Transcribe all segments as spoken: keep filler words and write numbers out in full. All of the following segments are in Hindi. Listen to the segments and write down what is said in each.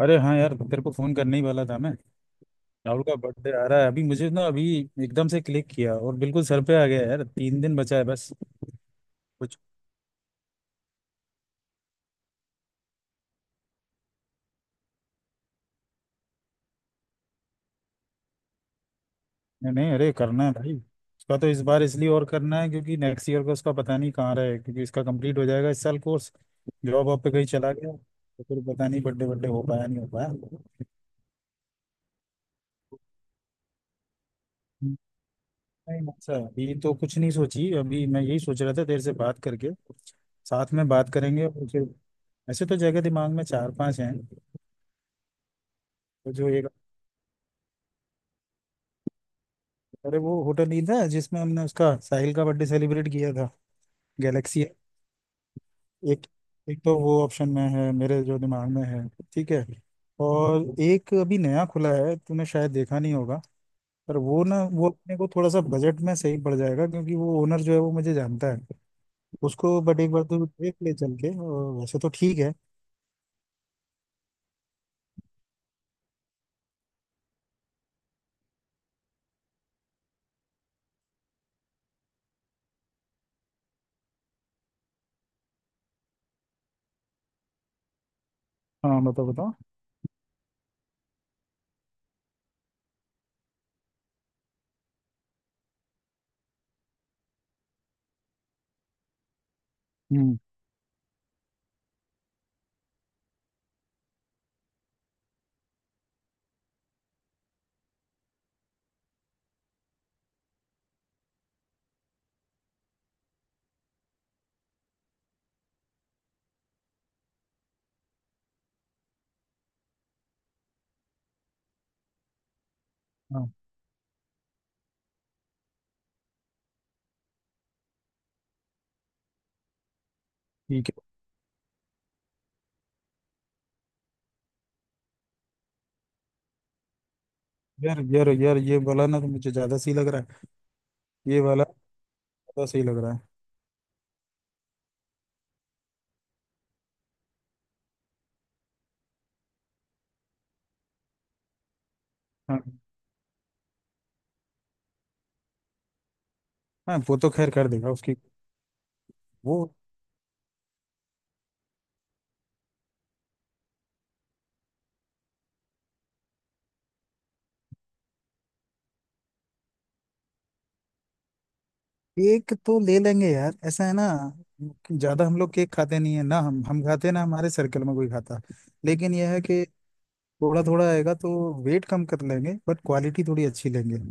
अरे हाँ यार तेरे को फोन करने ही वाला था मैं। राहुल का बर्थडे आ रहा है अभी मुझे ना अभी एकदम से क्लिक किया और बिल्कुल सर पे आ गया यार। तीन दिन बचा है बस। कुछ नहीं नहीं, अरे करना है भाई। उसका तो इस बार इसलिए और करना है क्योंकि नेक्स्ट ईयर का उसका पता नहीं कहाँ रहे, क्योंकि इसका कंप्लीट हो जाएगा इस साल कोर्स। जॉब वॉब पे कहीं चला गया तो फिर पता नहीं बर्थडे बर्थडे हो पाया नहीं हो पाया। नहीं, अच्छा अभी तो कुछ नहीं सोची। अभी मैं यही सोच रहा था देर से बात करके साथ में बात करेंगे और फिर। ऐसे तो जगह दिमाग में चार पांच हैं। तो जो एक। अरे वो होटल ही था जिसमें हमने उसका साहिल का बर्थडे सेलिब्रेट किया था। गैलेक्सी। एक एक तो वो ऑप्शन में है मेरे, जो दिमाग में है। ठीक है। और एक अभी नया खुला है, तूने शायद देखा नहीं होगा। पर वो ना वो अपने को थोड़ा सा बजट में सही पड़ जाएगा, क्योंकि वो ओनर जो है वो मुझे जानता है उसको। बट एक बार तो देख ले चल के, और वैसे तो ठीक है। हाँ बताओ बताओ। हम्म, हाँ ठीक है। यार यार यार, ये वाला ना तो मुझे ज़्यादा सही लग रहा है। ये वाला ज़्यादा सही लग रहा है। हाँ हाँ, वो तो खैर कर देगा उसकी। वो केक तो ले लेंगे यार, ऐसा है ना। ज्यादा हम लोग केक खाते नहीं है ना, हम हम खाते ना, हमारे सर्कल में कोई खाता। लेकिन यह है कि थोड़ा थोड़ा आएगा तो वेट कम कर लेंगे, बट क्वालिटी थोड़ी अच्छी लेंगे।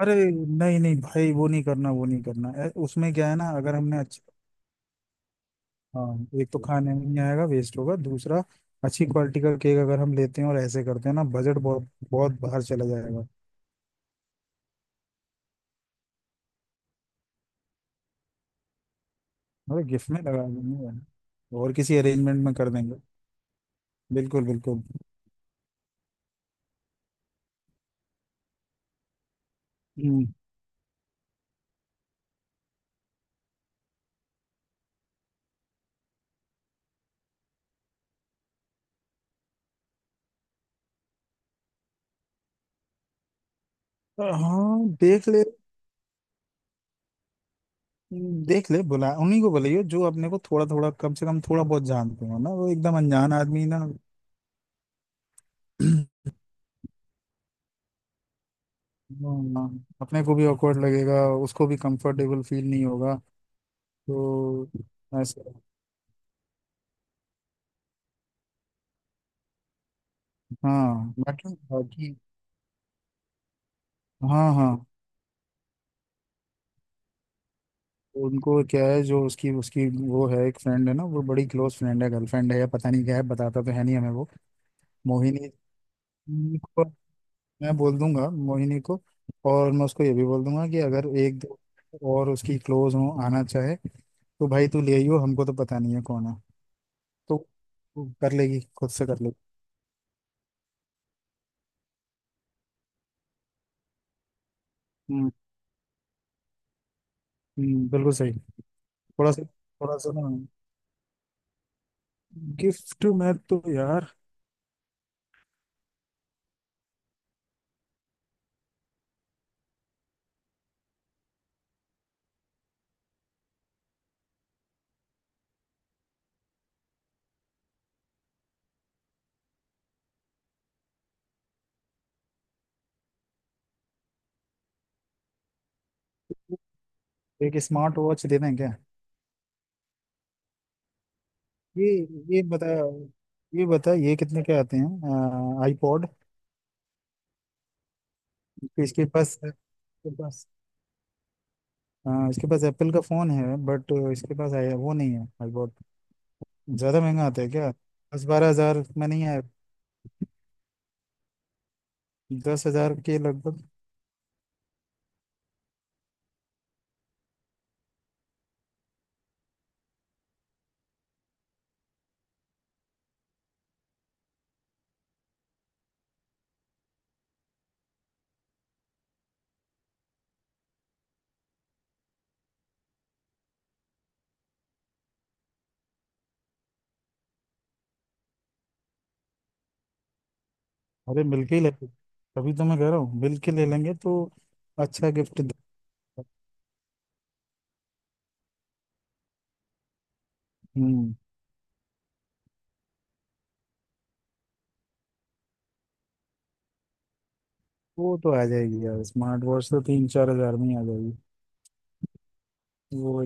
अरे नहीं नहीं भाई, वो नहीं करना वो नहीं करना, ए, उसमें क्या है ना, अगर हमने अच्छा। हाँ, एक तो खाने में नहीं आएगा वेस्ट होगा, दूसरा अच्छी क्वालिटी का केक अगर हम लेते हैं और ऐसे करते हैं ना, बजट बहुत बहुत बाहर चला जाएगा। अरे गिफ्ट में लगा देंगे, और किसी अरेंजमेंट में कर देंगे। बिल्कुल बिल्कुल। हम्म। हाँ देख ले। देख ले, बुला, उन्हीं को बुलाइयो जो अपने को थोड़ा थोड़ा कम से कम थोड़ा बहुत जानते हो ना, वो एकदम अनजान आदमी ना। हाँ, अपने को भी awkward लगेगा, उसको भी कंफर्टेबल फील नहीं होगा। तो ऐसे। हाँ बाकी बाकी। हाँ हाँ। उनको क्या है, जो उसकी उसकी वो है एक फ्रेंड है ना, वो बड़ी क्लोज फ्रेंड है, गर्लफ्रेंड है या पता नहीं क्या है, बताता तो है नहीं हमें वो। मोहिनी। मैं बोल दूंगा मोहिनी को। और मैं उसको ये भी बोल दूंगा कि अगर एक दो और उसकी क्लोज हो आना चाहे तो भाई तू ले आइयो, हमको तो पता नहीं है कौन है। तो वो कर लेगी खुद से कर लेगी। हम्म। हम्म, बिल्कुल सही। थोड़ा सा थोड़ा सा ना, गिफ्ट में तो यार। एक स्मार्ट वॉच दे दें क्या। ये ये बता ये बता ये कितने के आते हैं आईपॉड। इसके पास इसके पास। हाँ इसके पास एप्पल का फोन है, बट इसके पास आई वो नहीं है। ज्यादा महंगा आता है क्या। दस बारह हज़ार में नहीं है। दस हज़ार के लगभग। अरे मिलके ही लेंगे। तभी तो मैं कह रहा हूँ, मिलके ले लेंगे तो अच्छा गिफ्ट दे-। हम्म। वो तो आ जाएगी यार, स्मार्ट वॉच तो तीन चार हज़ार में ही आ जाएगी। वो।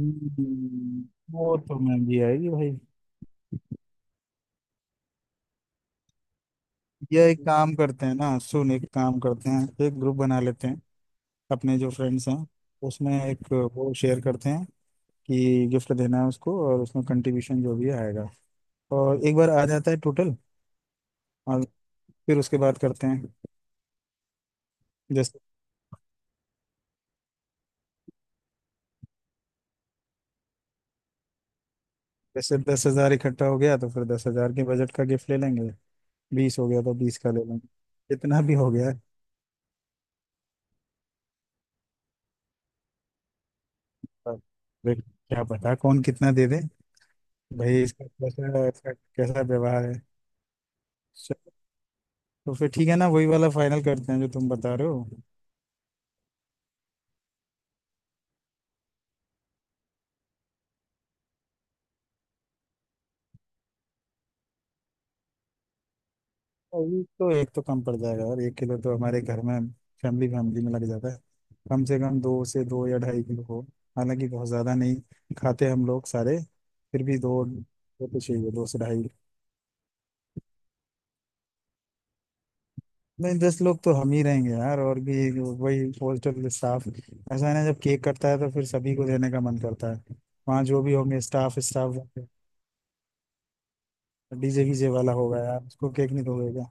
हम्म, वो तो महंगी आएगी भाई। ये एक काम करते हैं ना सुन, एक काम करते हैं, एक ग्रुप बना लेते हैं। अपने जो फ्रेंड्स हैं, उसमें एक वो शेयर करते हैं कि गिफ्ट देना है उसको, और उसमें कंट्रीब्यूशन जो भी आएगा। और एक बार आ जाता है टोटल, और फिर उसके बाद करते हैं। जैसे, जैसे दस हज़ार इकट्ठा हो गया तो फिर दस हज़ार के बजट का गिफ्ट ले लेंगे। बीस हो गया तो बीस का ले लेंगे। जितना भी हो गया। अब देख, क्या पता कौन कितना दे दे। भाई इसका कैसा इसका कैसा व्यवहार है। चलो, तो फिर ठीक है ना, वही वाला फाइनल करते हैं जो तुम बता रहे हो। अभी तो एक तो कम पड़ जाएगा, और एक किलो तो हमारे घर में फैमिली फैमिली में लग जाता है। कम से कम दो से दो या ढाई किलो हो। हालांकि बहुत ज़्यादा नहीं खाते हम लोग सारे। फिर भी दो दो तो चाहिए, दो से ढाई। नहीं, दस लोग तो हम ही रहेंगे यार और भी। वही हॉस्टल स्टाफ ऐसा है ना, जब केक कटता है तो फिर सभी को देने का मन करता है। वहाँ जो भी होंगे स्टाफ स्टाफ। डीजे वीजे वाला होगा यार, उसको केक नहीं दोगे क्या।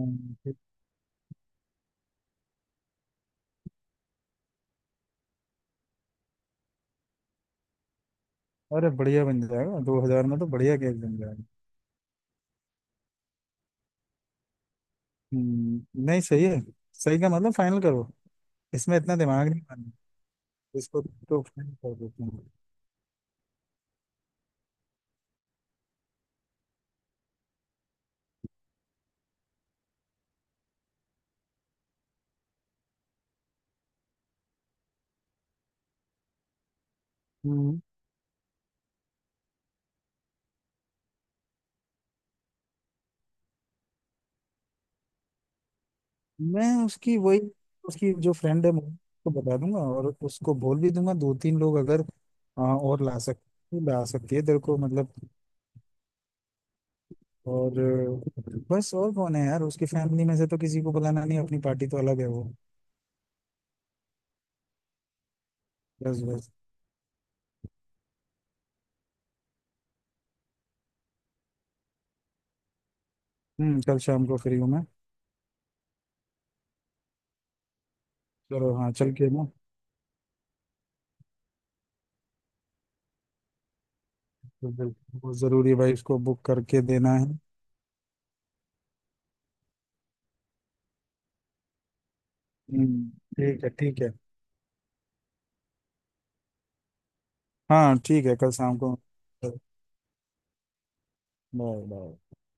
हम्म, ठीक। अरे बढ़िया बन जाएगा, दो हज़ार में तो बढ़िया केक बन जाएगा। हम्म, नहीं सही है। सही का मतलब फाइनल करो। इसमें इतना दिमाग नहीं मारना। इसको तो फाइनल कर देते हैं। हम्म, मैं उसकी वही उसकी जो फ्रेंड है, मैं उसको बता दूंगा। और उसको बोल भी दूंगा दो तीन लोग अगर आ, और ला सक ला सकती है तेरे को मतलब। और अ, बस और कौन है यार, उसकी फैमिली में से तो किसी को बुलाना नहीं, अपनी पार्टी तो अलग है वो। बस बस। हम्म, कल शाम को फ्री हूँ मैं। चलो हाँ, चल के ना। तो बिल्कुल, बहुत जरूरी है भाई, उसको बुक करके देना है। हम्म, ठीक है ठीक है। हाँ ठीक है, कल शाम को। Bye bye.